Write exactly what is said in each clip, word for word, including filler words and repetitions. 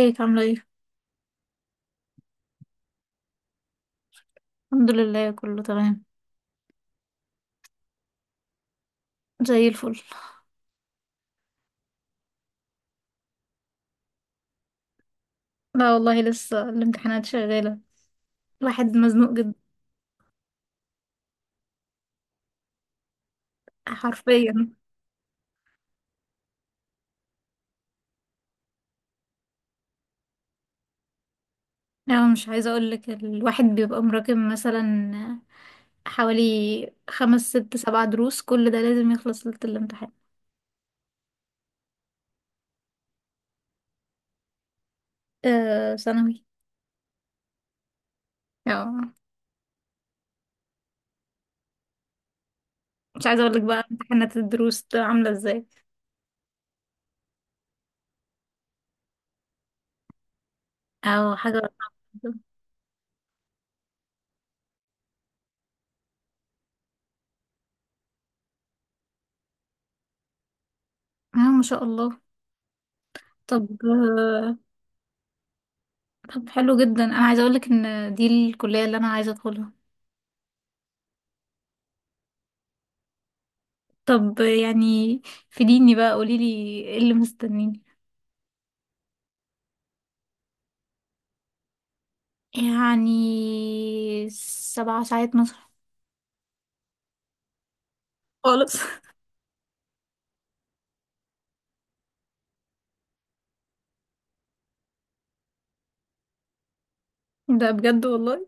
ازيك عاملة ايه؟ الحمد لله، كله تمام. زي الفل. لا والله، لسه الامتحانات شغالة. الواحد مزنوق جدا. حرفيا. يعني مش عايزة اقولك، الواحد بيبقى مراكم مثلا حوالي خمس ست سبع دروس، كل ده لازم يخلص ليلة الامتحان. آه ثانوي. اه. مش عايزة اقولك بقى امتحانات الدروس ده عاملة ازاي، او حاجة صعبة جدا. اه ما شاء الله. طب آه، طب حلو جدا، انا عايزة اقولك ان دي الكلية اللي انا عايزة ادخلها. طب يعني فيديني بقى، قوليلي ايه اللي مستنيني. يعني سبع ساعات مثلا. خالص. ده بجد والله.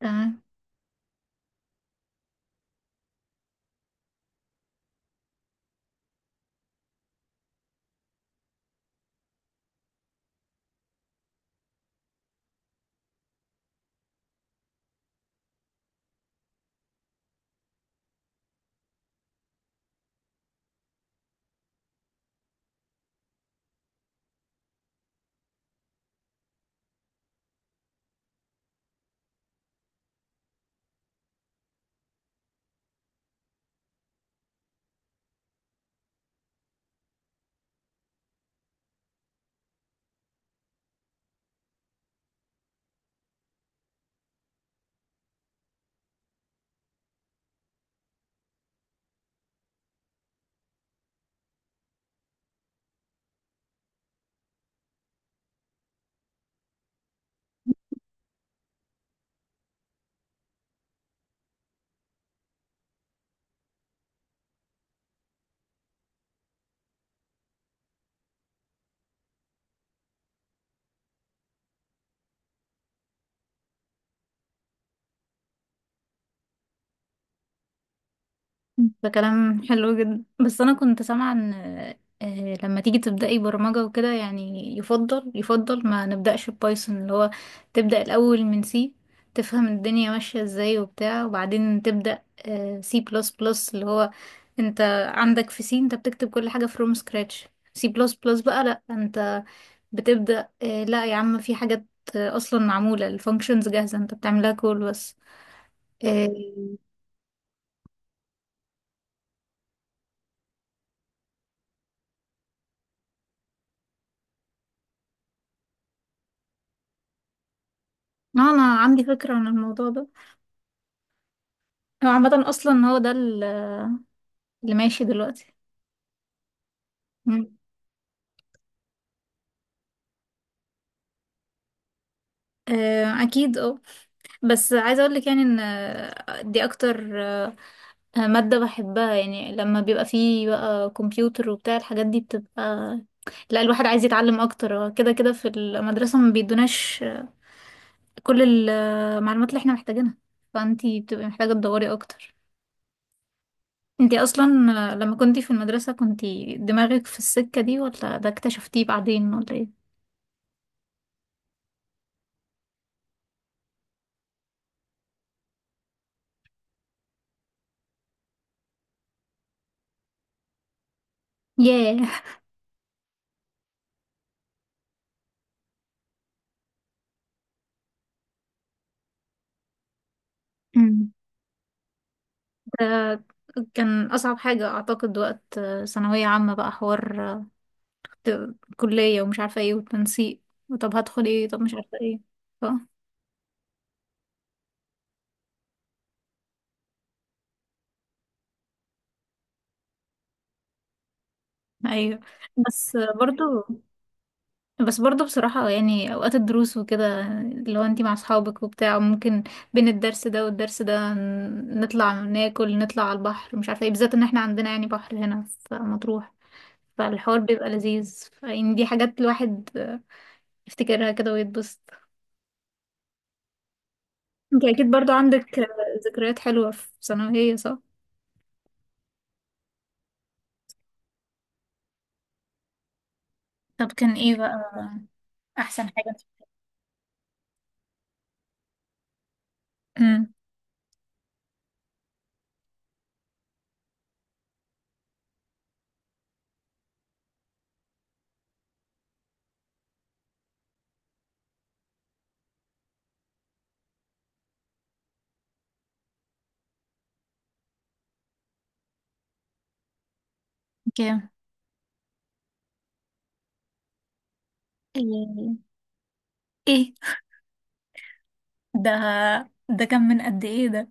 تمام. ده كلام حلو جدا، بس انا كنت سامعه ان آه، لما تيجي تبداي برمجه وكده، يعني يفضل يفضل ما نبداش ببايثون اللي هو، تبدا الاول من سي، تفهم الدنيا ماشيه ازاي وبتاع، وبعدين تبدا سي بلس بلس. اللي هو انت عندك في سي، انت بتكتب كل حاجه فروم سكراتش. سي بلس بلس بقى لا، انت بتبدا آه، لا يا عم، في حاجات آه، اصلا معموله، الفانكشنز جاهزه، انت بتعملها كول بس. آه، انا عندي فكره عن الموضوع ده. هو عامة أصلا هو ده اللي ماشي دلوقتي. مم. آه، أكيد اه. بس عايزة أقولك يعني إن آه، دي أكتر آه، مادة بحبها. يعني لما بيبقى فيه بقى كمبيوتر وبتاع، الحاجات دي بتبقى، لا، الواحد عايز يتعلم أكتر. هو كده كده في المدرسة ما بيدوناش آه، كل المعلومات اللي احنا محتاجينها، فأنتي بتبقي محتاجة تدوري أكتر. انتي أصلا آه، لما كنتي في المدرسة كنتي دماغك في السكة دي، ولا ده اكتشفتيه بعدين، ولا ايه؟ ياه. آه، كان أصعب حاجة أعتقد وقت آه، ثانوية عامة، بقى حوار آه، ت- كلية، ومش عارفة ايه، والتنسيق، طب هدخل ايه، طب مش عارفة ايه. ف... أيوه. بس آه، برضو، بس برضو بصراحة، يعني أوقات الدروس وكده، لو انتي مع أصحابك وبتاع، ممكن بين الدرس ده والدرس ده ن- نطلع ناكل، نطلع على البحر، مش عارفة ايه، بالذات ان احنا عندنا يعني بحر هنا في مطروح. فالحوار بيبقى لذيذ. يعني دي حاجات الواحد آه، يفتكرها كده ويتبسط. انت اكيد برضو عندك آه، ذكريات حلوة في ثانوية، صح؟ طب كان ايه بقى احسن حاجة؟ امم. كام؟ ايه؟ ايه؟ ده، ده كان من قد ايه ده؟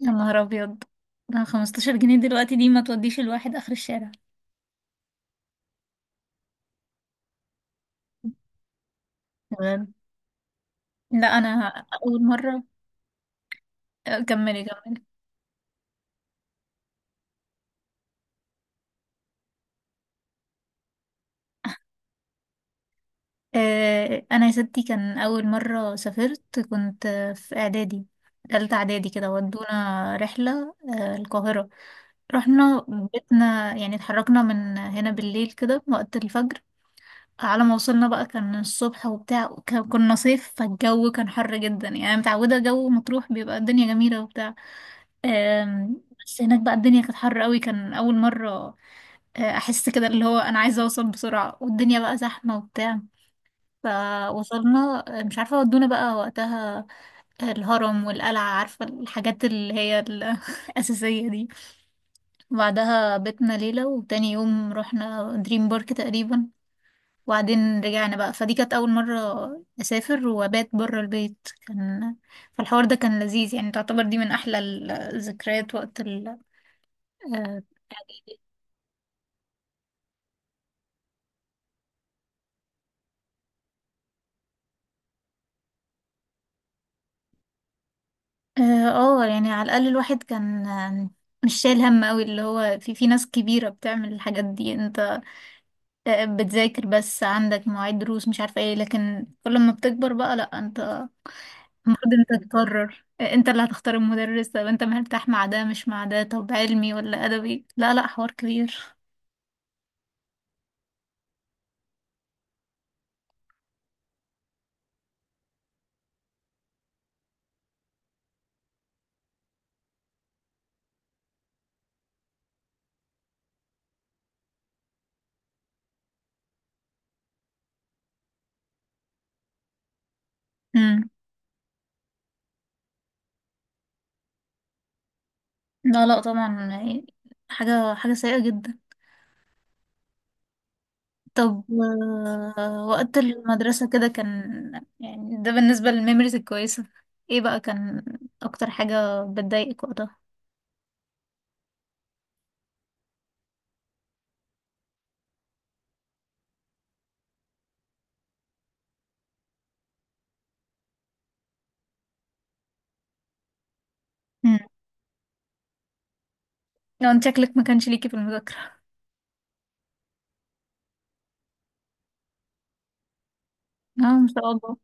يا نهار ابيض. ده خمسة عشر جنيه دلوقتي دي ما توديش الواحد اخر الشارع. بجد. لا انا، اول مرة. آه، كملي كملي. آه، انا يا ستي كان اول مرة سافرت، كنت في اعدادي، تالتة اعدادي كده، ودونا رحلة آه، القاهرة. رحنا، بيتنا يعني. اتحركنا من هنا بالليل كده وقت الفجر، على ما وصلنا بقى كان الصبح وبتاع، وك- كنا صيف فالجو كان حر جدا. يعني أنا متعودة جو مطروح بيبقى الدنيا جميلة وبتاع، أم، بس هناك بقى الدنيا كانت حر قوي. كان أول مرة آه، أحس كده اللي هو أنا عايزة أوصل بسرعة، والدنيا بقى زحمة وبتاع. فوصلنا آه، مش عارفة ودونا بقى وقتها الهرم والقلعة، عارفة الحاجات اللي هي ال- الأساسية دي. وبعدها بيتنا ليلة، وتاني يوم رحنا دريم بارك تقريبا، وبعدين رجعنا بقى. فدي كانت أول مرة أسافر وأبات برا البيت. كان فالحوار ده كان لذيذ، يعني تعتبر دي من أحلى ال- الذكريات وقت ال، اه. آه، آه، يعني على الأقل الواحد كان آه، مش شايل هم أوي. اللي هو في في ناس كبيرة بتعمل الحاجات دي، انت آه، بتذاكر بس عندك مواعيد دروس، مش عارفة ايه. لكن كل ما بتكبر بقى لأ، انت المفروض انت تقرر آه، انت اللي هتختار المدرس، طب انت مرتاح مع ده مش مع ده، طب علمي ولا ادبي، لا لا حوار كبير. امم. لا لا، طبعا يعني حاجة حاجة سيئة جدا. طب آه، وقت المدرسة كده كان يعني ده بالنسبة للميموريز الكويسة. ايه بقى كان اكتر حاجة بتضايقك وقتها؟ امم. لو انت شكلك ما كانش ليكي في المذاكرة. اه ما شاء الله.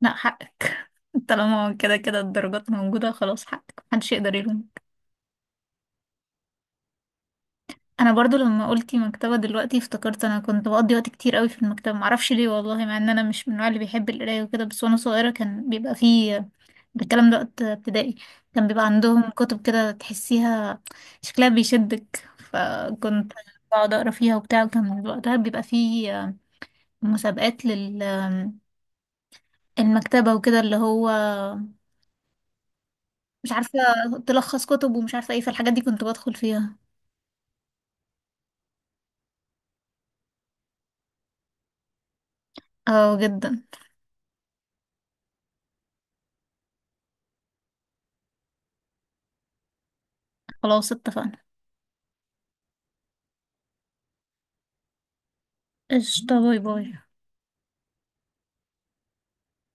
لا حقك، طالما كده كده الدرجات موجودة خلاص، حقك محدش يقدر يلومك. انا برضو لما قلتي مكتبة دلوقتي افتكرت، انا كنت بقضي وقت كتير قوي في المكتبة، معرفش ليه والله، مع ان انا مش من النوع اللي بيحب القراية وكده. بس وانا صغيرة كان بيبقى فيه بالكلام ده وقت ابتدائي، كان بيبقى عندهم كتب كده تحسيها شكلها بيشدك، فكنت بقعد اقرا فيها وبتاع. وكان وقتها بيبقى فيه مسابقات لل، المكتبة وكده اللي هو، مش عارفة، تلخص كتب ومش عارفة ايه. فالحاجات دي كنت بدخل فيها. اه جدا. خلاص اتفقنا. قشطة، باي باي.